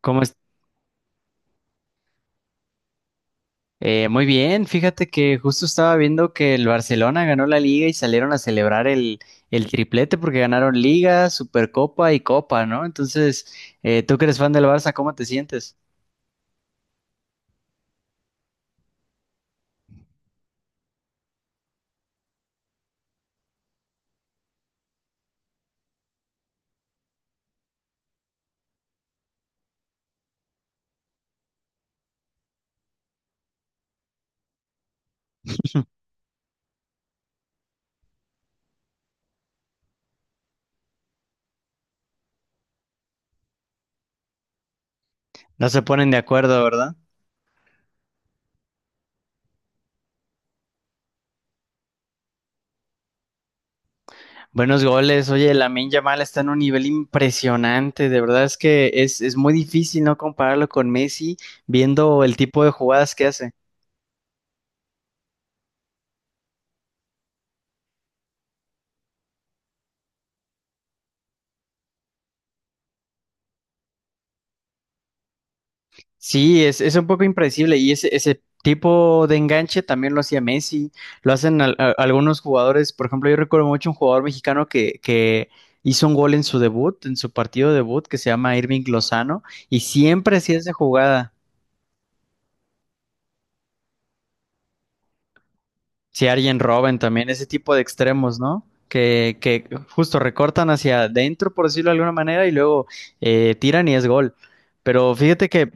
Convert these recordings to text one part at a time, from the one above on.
¿Cómo es? Muy bien, fíjate que justo estaba viendo que el Barcelona ganó la liga y salieron a celebrar el triplete porque ganaron Liga, Supercopa y Copa, ¿no? Entonces, tú que eres fan del Barça, ¿cómo te sientes? No se ponen de acuerdo, ¿verdad? Buenos goles, oye, Lamine Yamal está en un nivel impresionante, de verdad es muy difícil no compararlo con Messi viendo el tipo de jugadas que hace. Sí, es un poco impredecible y ese tipo de enganche también lo hacía Messi, lo hacen algunos jugadores, por ejemplo, yo recuerdo mucho un jugador mexicano que hizo un gol en su debut, en su partido debut, que se llama Irving Lozano, y siempre hacía esa jugada, si Arjen Robben también, ese tipo de extremos, ¿no? Que justo recortan hacia adentro, por decirlo de alguna manera, y luego tiran y es gol. Pero fíjate que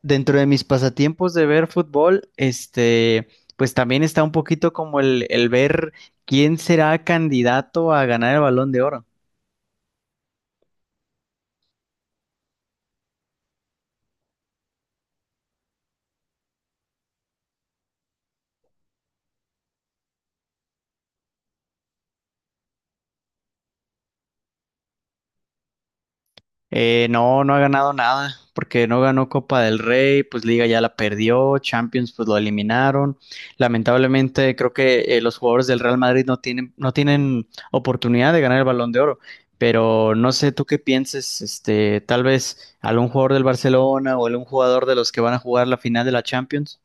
dentro de mis pasatiempos de ver fútbol, pues también está un poquito como el ver quién será candidato a ganar el Balón de Oro. No no, ha ganado nada, porque no ganó Copa del Rey, pues Liga ya la perdió, Champions pues lo eliminaron. Lamentablemente creo que los jugadores del Real Madrid no tienen oportunidad de ganar el Balón de Oro. Pero no sé tú qué pienses, este, tal vez algún jugador del Barcelona o algún jugador de los que van a jugar la final de la Champions.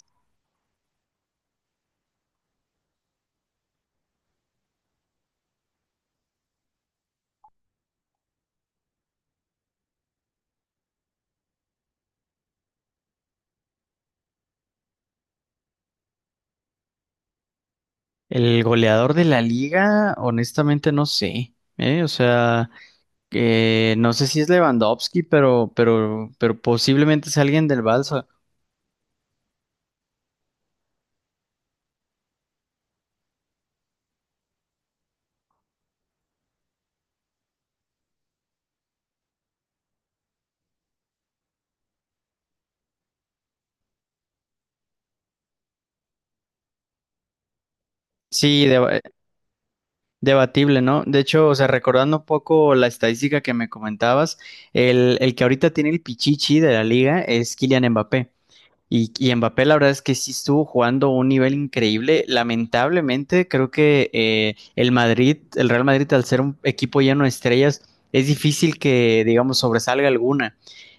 El goleador de la liga, honestamente no sé, ¿eh? O sea, que no sé si es Lewandowski, pero posiblemente es alguien del Barça. Sí, debatible, ¿no? De hecho, o sea, recordando un poco la estadística que me comentabas, el que ahorita tiene el pichichi de la liga es Kylian Mbappé. Y Mbappé, la verdad es que sí estuvo jugando un nivel increíble. Lamentablemente, creo que el el Real Madrid, al ser un equipo lleno de estrellas, es difícil que, digamos, sobresalga alguna.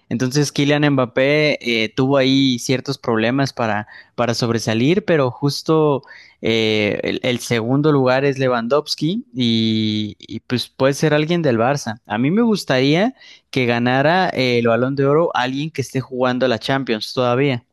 Entonces, Kylian Mbappé tuvo ahí ciertos problemas para sobresalir, pero justo el segundo lugar es Lewandowski pues puede ser alguien del Barça. A mí me gustaría que ganara el Balón de Oro alguien que esté jugando la Champions todavía.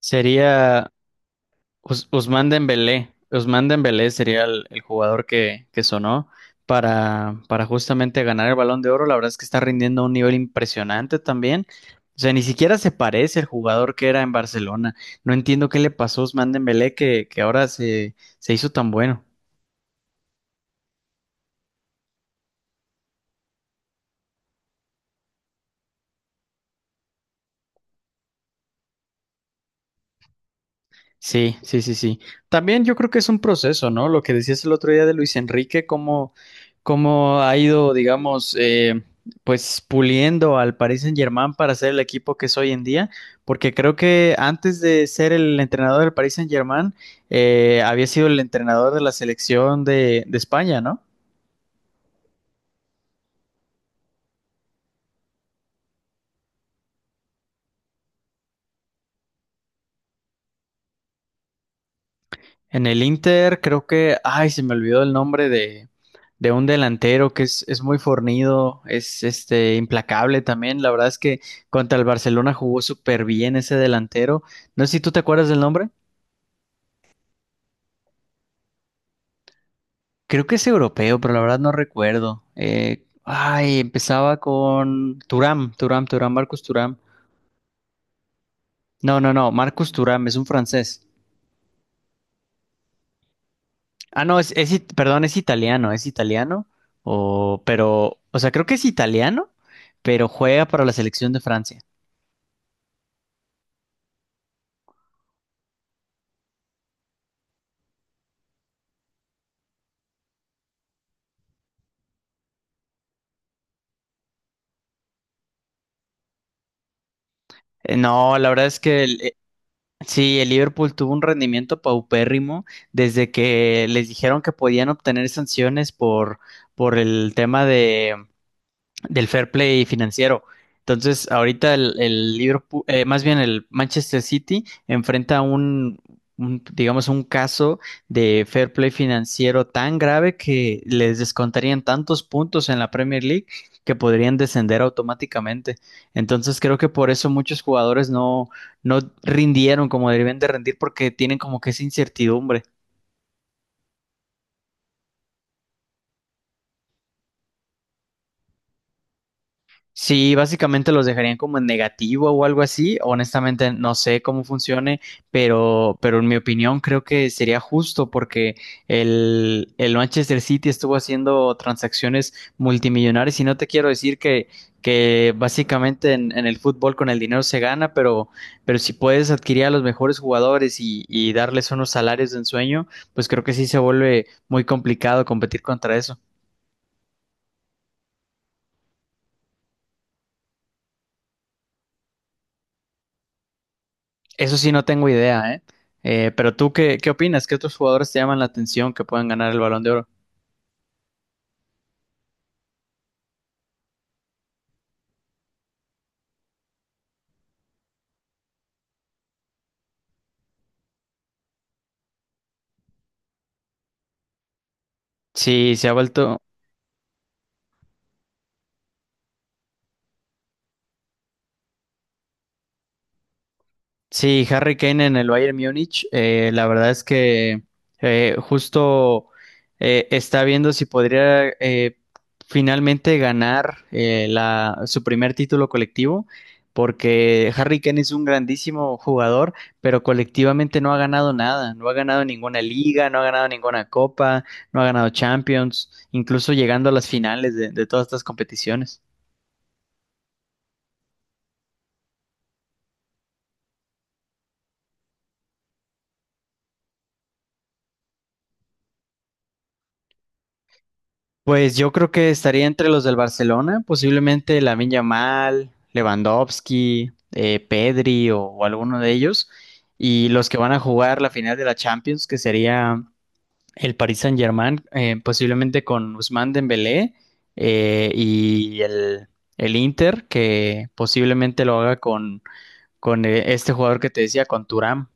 Sería Usman Dembélé. Usman Dembélé sería el jugador que sonó para justamente ganar el Balón de Oro. La verdad es que está rindiendo a un nivel impresionante también. O sea, ni siquiera se parece al jugador que era en Barcelona. No entiendo qué le pasó a Usman Dembélé que ahora se hizo tan bueno. Sí, sí, sí, sí. También yo creo que es un proceso, ¿no? Lo que decías el otro día de Luis Enrique, cómo ha ido, digamos, pues puliendo al Paris Saint-Germain para ser el equipo que es hoy en día, porque creo que antes de ser el entrenador del Paris Saint-Germain, había sido el entrenador de la selección de España, ¿no? En el Inter creo que, ay, se me olvidó el nombre de un delantero que es muy fornido, es este implacable también. La verdad es que contra el Barcelona jugó súper bien ese delantero. No sé si tú te acuerdas del nombre. Creo que es europeo, pero la verdad no recuerdo. Ay, empezaba con Turam, Marcus Turam. No, no, no, Marcus Turam es un francés. Ah, no, perdón, es italiano, o sea, creo que es italiano, pero juega para la selección de Francia. No, la verdad es que sí, el Liverpool tuvo un rendimiento paupérrimo desde que les dijeron que podían obtener sanciones por el tema del fair play financiero. Entonces, ahorita el Liverpool, más bien el Manchester City enfrenta digamos, un caso de fair play financiero tan grave que les descontarían tantos puntos en la Premier League que podrían descender automáticamente. Entonces, creo que por eso muchos jugadores no rindieron como debían de rendir porque tienen como que esa incertidumbre. Sí, básicamente los dejarían como en negativo o algo así. Honestamente, no sé cómo funcione, pero en mi opinión creo que sería justo porque el Manchester City estuvo haciendo transacciones multimillonarias y no te quiero decir que básicamente en el fútbol con el dinero se gana, pero si puedes adquirir a los mejores jugadores y darles unos salarios de ensueño, pues creo que sí se vuelve muy complicado competir contra eso. Eso sí, no tengo idea, ¿eh? Pero tú, ¿qué opinas? ¿Qué otros jugadores te llaman la atención que puedan ganar el Balón de Oro? Sí, se ha vuelto, sí, Harry Kane en el Bayern Múnich, la verdad es que justo está viendo si podría finalmente ganar su primer título colectivo, porque Harry Kane es un grandísimo jugador, pero colectivamente no ha ganado nada, no ha ganado ninguna liga, no ha ganado ninguna copa, no ha ganado Champions, incluso llegando a las finales de todas estas competiciones. Pues yo creo que estaría entre los del Barcelona, posiblemente Lamine Yamal, Lewandowski, Pedri o alguno de ellos, y los que van a jugar la final de la Champions, que sería el Paris Saint-Germain, posiblemente con Ousmane Dembélé eh, y el, el Inter, que posiblemente lo haga con este jugador que te decía, con Thuram.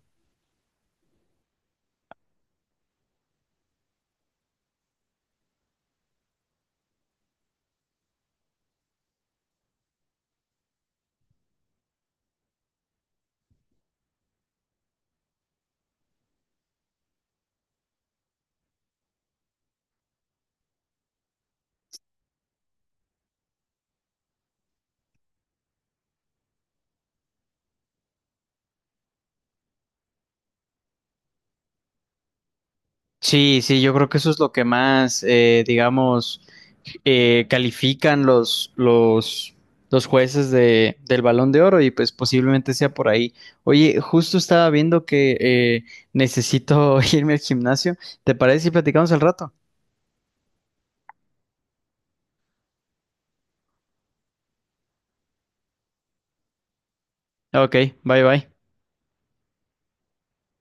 Sí, sí, yo creo que eso es lo que más, digamos califican los jueces del Balón de Oro y pues posiblemente sea por ahí. Oye, justo estaba viendo que necesito irme al gimnasio. ¿Te parece si platicamos al rato? Ok, bye bye.